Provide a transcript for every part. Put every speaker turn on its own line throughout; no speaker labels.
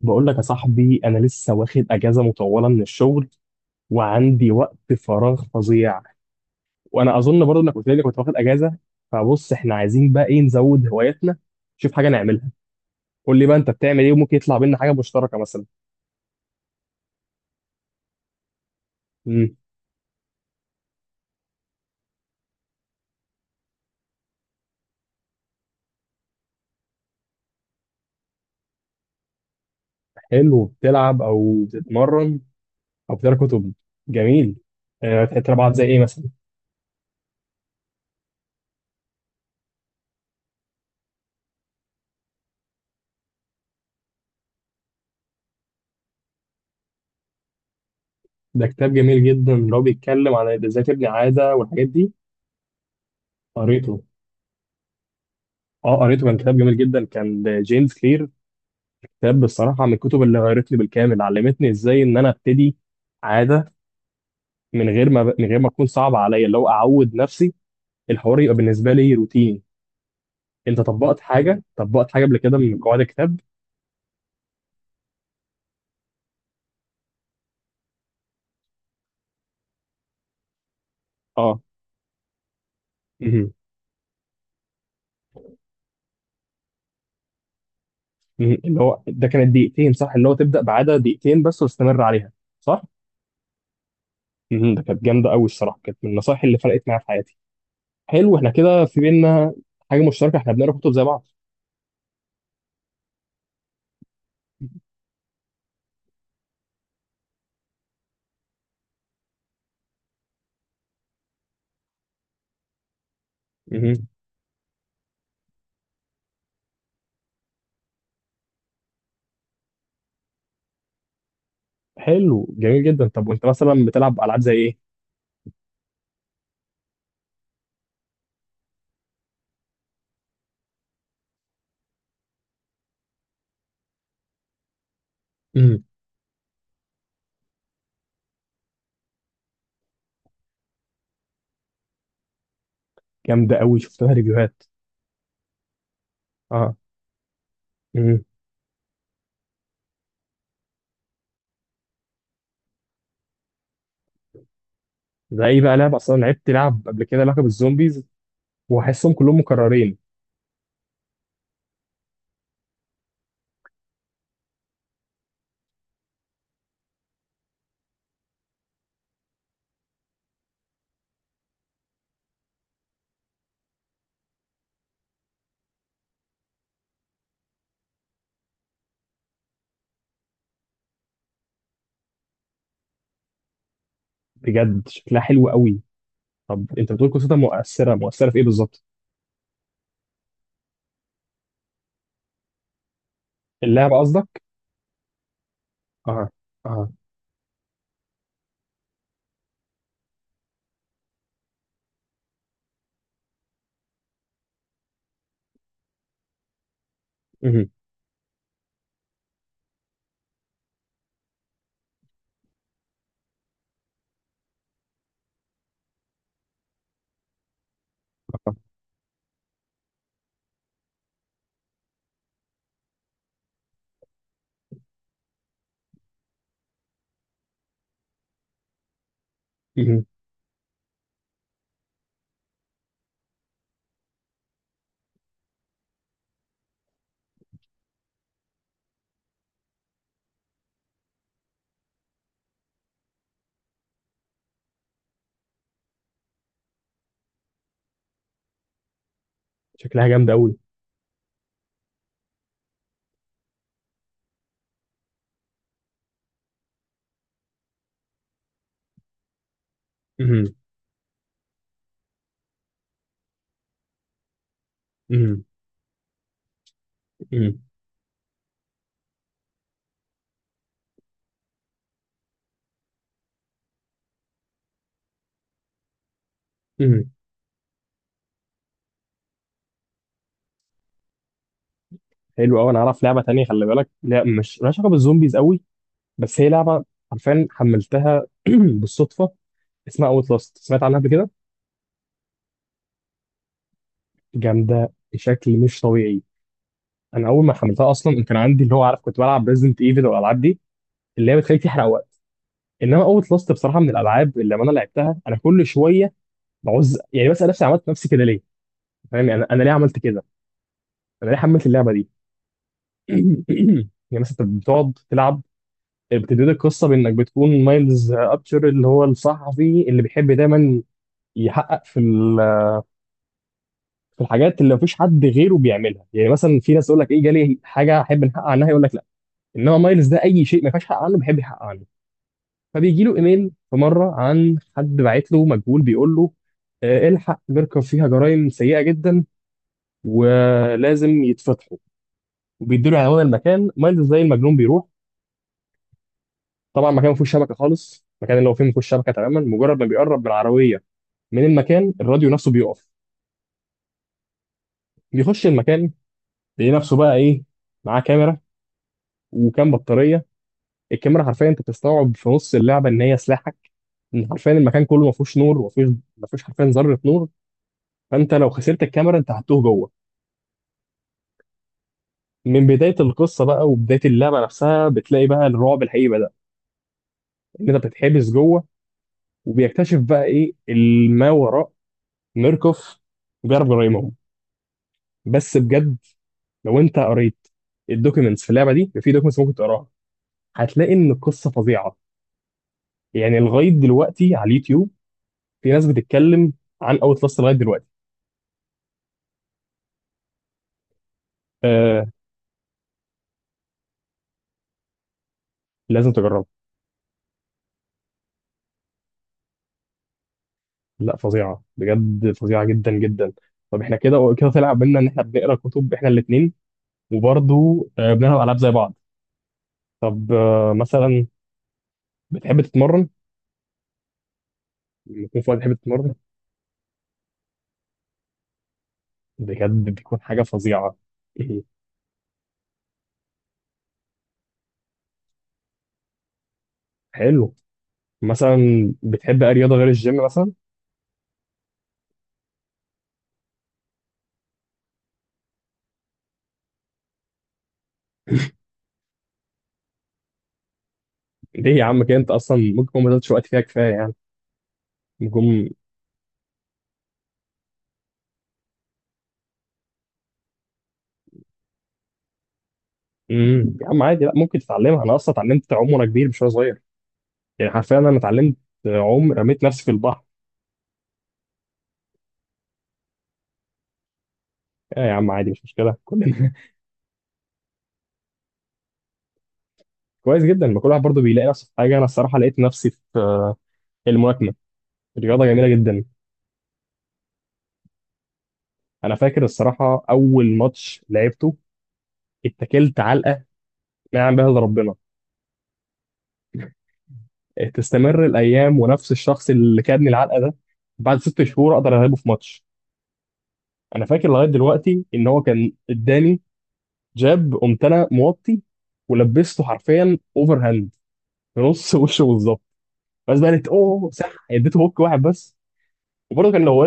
بقول لك يا صاحبي، انا لسه واخد اجازه مطوله من الشغل، وعندي وقت فراغ فظيع. وانا اظن برضه انك قلت لي إنك كنت واخد اجازه. فبص، احنا عايزين بقى ايه؟ نزود هواياتنا، نشوف حاجه نعملها. قول لي بقى انت بتعمل ايه، وممكن يطلع بينا حاجه مشتركه مثلا. امم حلو، بتلعب او بتتمرن او بتقرا كتب. جميل. أه، بتقرا بعض زي ايه مثلا؟ ده كتاب جميل جدا، اللي هو بيتكلم عن ازاي تبني عاده والحاجات دي. قريته. اه قريته، كان كتاب جميل جدا، كان جيمس كلير. كتاب بصراحة من الكتب اللي غيرت لي بالكامل، علمتني ازاي ان انا ابتدي عادة من غير ما تكون صعبة عليا، اللي هو اعود نفسي، الحوار يبقى بالنسبة لي روتيني. انت طبقت حاجة قبل كده من قواعد الكتاب؟ اه. مهم. مهم. اللي هو ده كانت 2 دقيقتين، صح؟ اللي هو تبدأ بعادة 2 دقيقتين بس واستمر عليها، صح؟ مهم. ده كانت جامدة قوي الصراحة، كانت من النصائح اللي فرقت معايا في حياتي. حلو، احنا كده في بينا حاجة مشتركة، احنا بنقرا كتب زي بعض. مهم. حلو جميل جدا. طب وانت مثلا بتلعب العاب زي ايه؟ جامده قوي، شفت لها ريفيوهات. اه. امم. ده ايه بقى لعبه؟ اصلا لعبت لعب قبل كده لعبه بالزومبيز واحسهم كلهم مكررين. بجد شكلها حلو قوي. طب انت بتقول قصتها مؤثره، في ايه بالظبط؟ اللعبه قصدك؟ اه. اه. امم. آه. امم. شكلها جامده قوي. امم. امم. امم. امم. حلو قوي. انا اعرف لعبه تانية، خلي بالك، لا مش مالهاش علاقه بالزومبيز قوي بس هي لعبه. عارفين حملتها بالصدفه. اسمها اوت لاست، سمعت عنها قبل كده؟ جامده بشكل مش طبيعي. انا اول ما حملتها اصلا كان عندي اللي هو عارف، كنت بلعب ريزدنت ايفل والالعاب دي، اللي هي بتخليك تحرق وقت. انما اوت لاست بصراحه من الالعاب اللي لما انا لعبتها انا كل شويه بعوز يعني بسال نفسي، عملت نفسي كده ليه؟ فاهم يعني؟ أنا ليه عملت كده؟ انا ليه حملت اللعبه دي؟ يعني مثلا انت بتقعد تلعب، بتبتدي القصه بانك بتكون مايلز ابشر، اللي هو الصحفي اللي بيحب دايما يحقق في في الحاجات اللي مفيش حد غيره بيعملها. يعني مثلا في ناس يقول لك ايه؟ جالي حاجه احب نحقق عنها، يقول لك لا. انما مايلز ده اي شيء ما ينفعش يحقق عنه بيحب يحقق عنه. فبيجي له ايميل في مره عن حد باعت له مجهول بيقول له الحق ميركر فيها جرائم سيئه جدا ولازم يتفتحوا، وبيديله عنوان المكان. مايلز زي المجنون بيروح. طبعا مكان ما فيهوش شبكه خالص، المكان اللي هو فيه ما فيهوش شبكه تماما. مجرد ما بيقرب بالعربيه من المكان، الراديو نفسه بيقف. بيخش المكان، بيلاقي نفسه بقى ايه؟ معاه كاميرا وكام بطاريه. الكاميرا حرفيا انت بتستوعب في نص اللعبه ان هي سلاحك. ان حرفيا المكان كله ما فيهوش نور وما فيهوش ما فيهوش حرفيا ذره نور. فانت لو خسرت الكاميرا انت هتتوه جوه. من بداية القصة بقى وبداية اللعبة نفسها بتلاقي بقى الرعب الحقيقي بدأ، إن أنت بتتحبس جوه، وبيكتشف بقى إيه الما وراء ميركوف وجارب جرايمهم. بس بجد لو أنت قريت الدوكيومنتس في اللعبة دي، في دوكيومنتس ممكن تقراها، هتلاقي إن القصة فظيعة. يعني لغاية دلوقتي على اليوتيوب في ناس بتتكلم عن أوت لاست لغاية دلوقتي. آه، لازم تجربها. لا فظيعة بجد، فظيعة جدا جدا. طب احنا كده كده طلع بينا إن احنا بنقرا كتب احنا الاتنين، وبرضه بنلعب ألعاب زي بعض. طب مثلا بتحب تتمرن، لما يكون في وقت بتحب تتمرن؟ بجد بيكون حاجة فظيعة. إيه. حلو. مثلا بتحب أي رياضة غير الجيم مثلا؟ ليه يا عم كده؟ انت اصلا ممكن تكون ما بذلتش وقت فيها كفايه يعني. ممكن. امم. يا عم عادي، لا ممكن تتعلمها. انا اصلا اتعلمت اعوم وانا كبير مش وانا صغير. يعني حرفيا انا اتعلمت اعوم، رميت نفسي في البحر. آه يا عم عادي، مش مشكله، كلنا. كويس جدا، ما كل واحد برضه بيلاقي نفسه في حاجه. انا الصراحه لقيت نفسي في الملاكمه، رياضه جميله جدا. انا فاكر الصراحه اول ماتش لعبته، اتكلت علقه ما يعلم بها الا ربنا. إيه، تستمر الايام ونفس الشخص اللي كادني العلقه ده بعد 6 شهور اقدر اغلبه في ماتش. انا فاكر لغايه دلوقتي ان هو كان اداني جاب، قمت انا موطي ولبسته حرفيا اوفر هاند في نص وشه بالظبط. بس بقى قلت اوه صح، اديته هوك واحد بس وبرضه كان لو.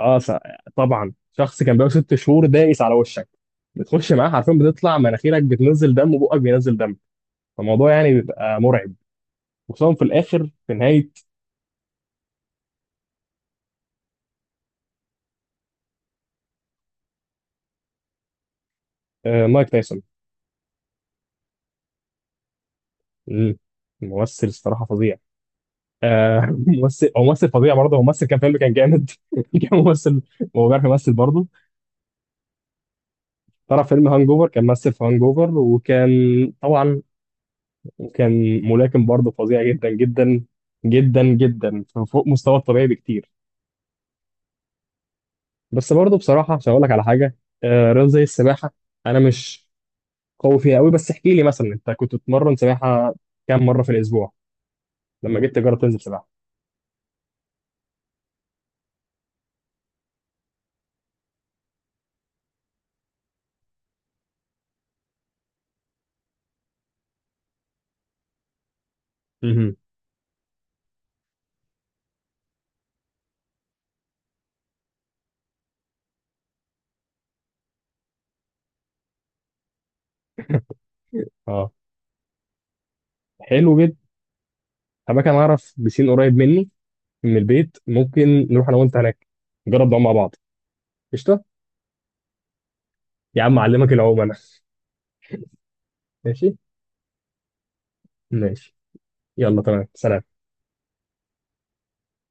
اه صح. طبعا شخص كان بقى 6 شهور دايس على وشك، بتخش معاه حرفيا بتطلع مناخيرك بتنزل دم وبقك بينزل دم. فالموضوع يعني بيبقى مرعب، وخصوصا في الاخر في نهايه. آه، مايك تايسون. مم. ممثل الصراحه فظيع. آه ممثل، هو ممثل فظيع برضه. هو ممثل كان فيلم كان جامد. كان ممثل، هو بيعرف يمثل برضه. طلع فيلم هانج اوفر، كان ممثل في هانج اوفر، وكان. طبعا. وكان ملاكم برضه فظيع جدا جدا جدا جدا، فوق مستوى الطبيعي بكتير. بس برضه بصراحه عشان اقول لك على حاجه، آه رياضه زي السباحه، انا مش قوي فيها قوي. بس احكي لي مثلا، انت كنت بتتمرن سباحه كام مره في الاسبوع لما جيت تجرب تنزل سباحه؟ مهم. اه. حلو. أما كان أعرف بسين قريب مني من البيت، ممكن نروح أنا وأنت هناك نجرب نعوم مع بعض. قشطة. يا عم أعلمك العوم أنا. ماشي. ماشي، يلا تمام سلام.